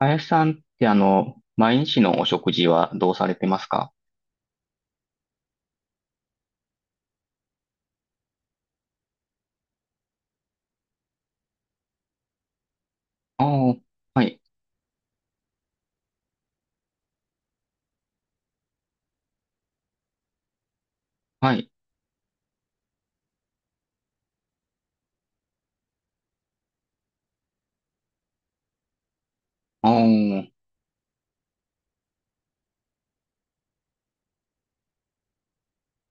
林さんって毎日のお食事はどうされてますか？ああー。はい。はい。ああ。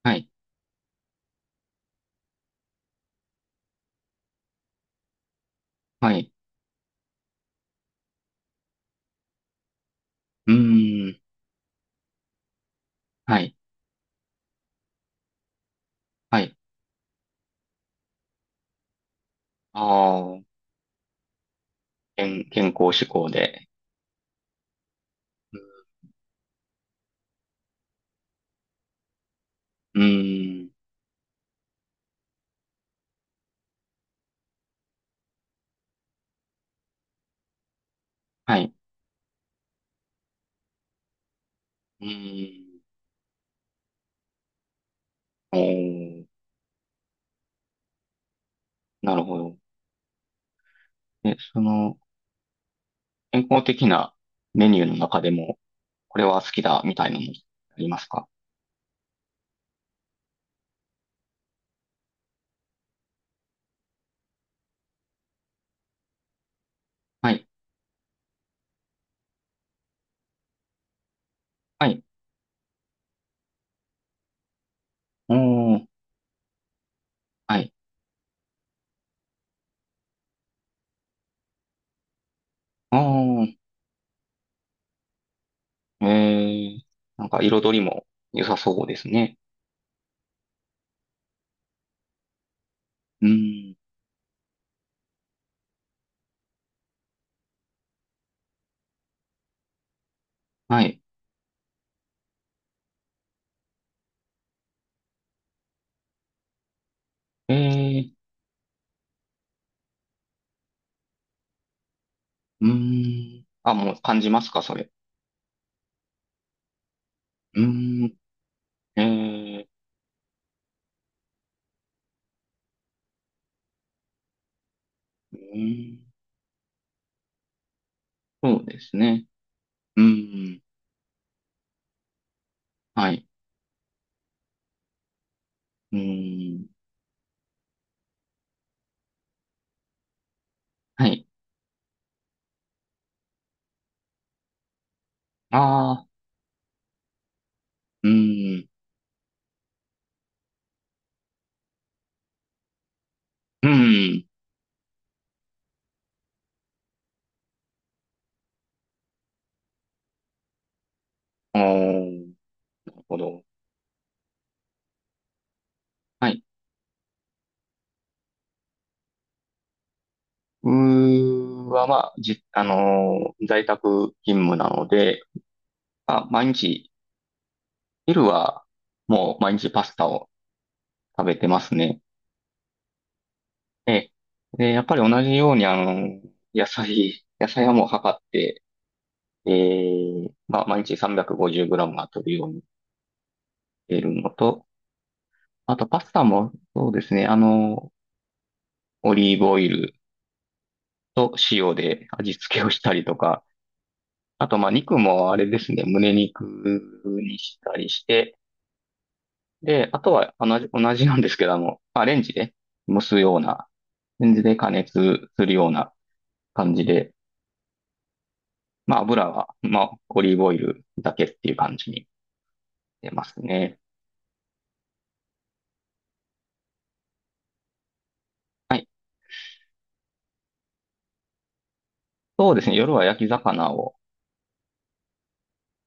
はい。はい。うーん。はい。はい。ああ。健康志向で。うーん。はい。うーん。おー。なるほど。で、健康的なメニューの中でも、これは好きだ、みたいなのありますか？はい。はい。おー。はい。おー。えー、なんか彩りも良さそうですね。うーん。はい。えー、うーん。あ、もう感じますか、それ？うーん。えー、うーん。そうですね。うーん。はい。うーん。はい。ああ。うーん。うーん。おー、なるほど。はい。うーは、まあ、在宅勤務なので、まあ、毎日、昼は、もう毎日パスタを食べてますね。ええ。で、やっぱり同じように、野菜はもう測って、ええ、まあ、毎日 350g は取るようにしているのと、あとパスタも、そうですね、オリーブオイルと塩で味付けをしたりとか、あと、まあ、肉もあれですね、胸肉にしたりして、で、あとは同じなんですけども、まあ、レンジで蒸すような、レンジで加熱するような感じで、まあ、油は、まあ、オリーブオイルだけっていう感じに出ますね。そうですね。夜は焼き魚を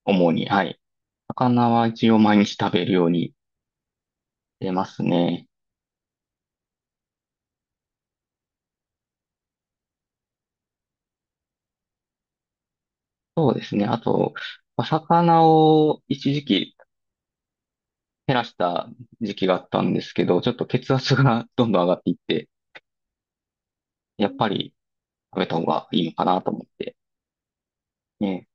主に、はい。魚は一応毎日食べるように出ますね。そうですね。あと、まあ魚を一時期減らした時期があったんですけど、ちょっと血圧が どんどん上がっていって、やっぱり食べた方がいいのかなと思って。ね、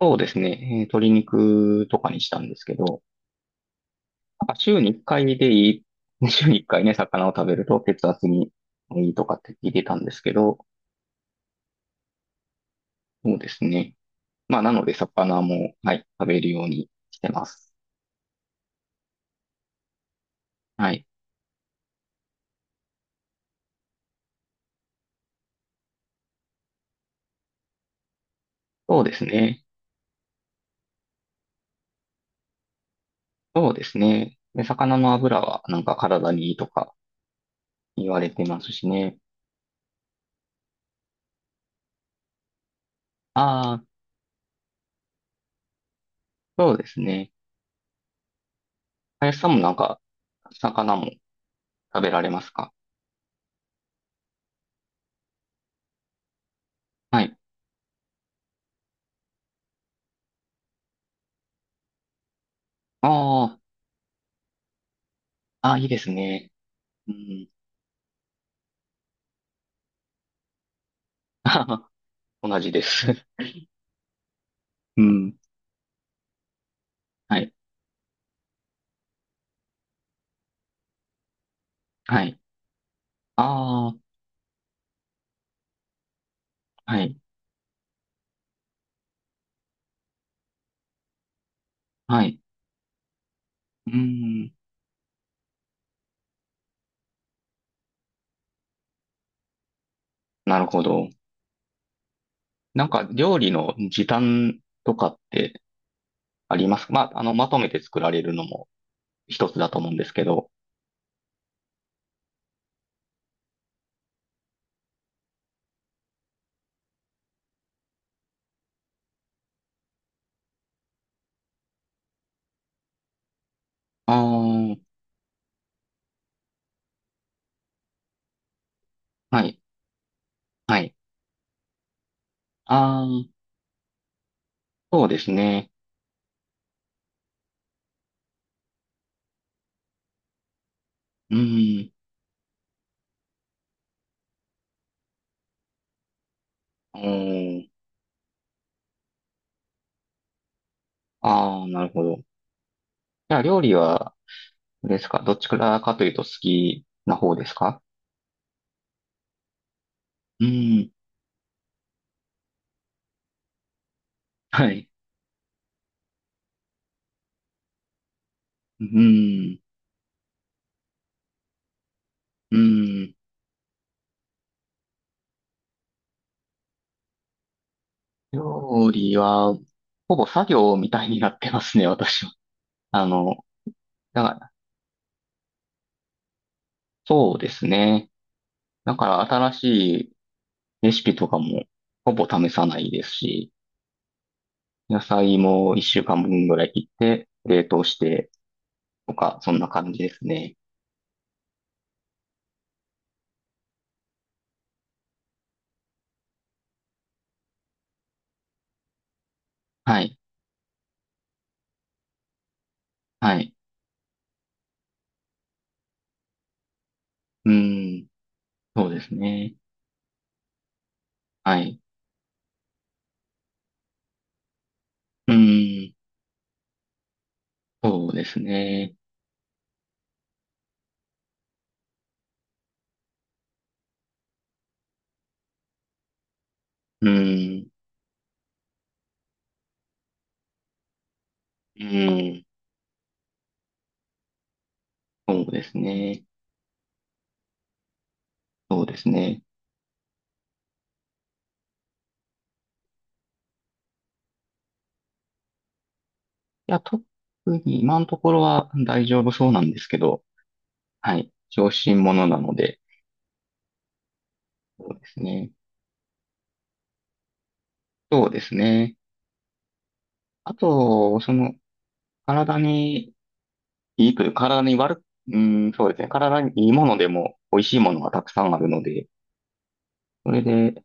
そうですね。鶏肉とかにしたんですけど、なんか週に1回でいい、週に1回ね、魚を食べると血圧にいいとかって聞いてたんですけど、そうですね。まあ、なので魚も、はい、食べるようにしてます。はい。そうですね。そうですね。で、魚の油はなんか体にいいとか言われてますしね。ああ、そうですね。林さんもなんか、魚も食べられますか？はい。ああ、ああ、いいですね。うん。同じです。うん。はい。はい。ああ。はい。はい。うーん。なるほど。なんか料理の時短とかってありますか？まあ、まとめて作られるのも一つだと思うんですけど。ああ、はい。はい。ああ、そうですね。うーん。うーん。ああ、なるほど。じゃあ料理は、あれですか？どっちからかというと好きな方ですか？うーん。はい。うーん。うーん。料理は、ほぼ作業みたいになってますね、私は。あの、だからそうですね。だから新しいレシピとかもほぼ試さないですし、野菜も一週間分ぐらい切って冷凍してとか、そんな感じですね。はい。はい。うん。そうですね。はい。うん。そうですね。うん。うん。そうですね。そうですね。いや、特に今のところは大丈夫そうなんですけど、はい。小心者なので、そうですね。そうですね。あと、体にいいという、体に悪く、うん、そうですね。体にいいものでも美味しいものがたくさんあるので、それで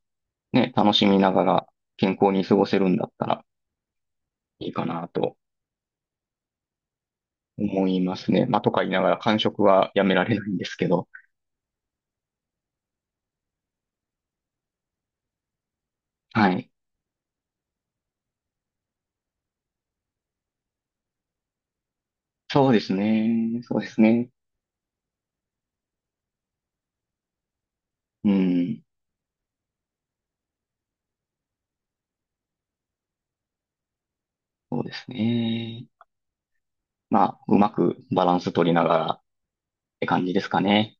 ね、楽しみながら健康に過ごせるんだったらいいかなと思いますね。まあ、とか言いながら間食はやめられないんですけど。はい。そうですね。そうですね。うん。そうですね。まあ、うまくバランス取りながらって感じですかね。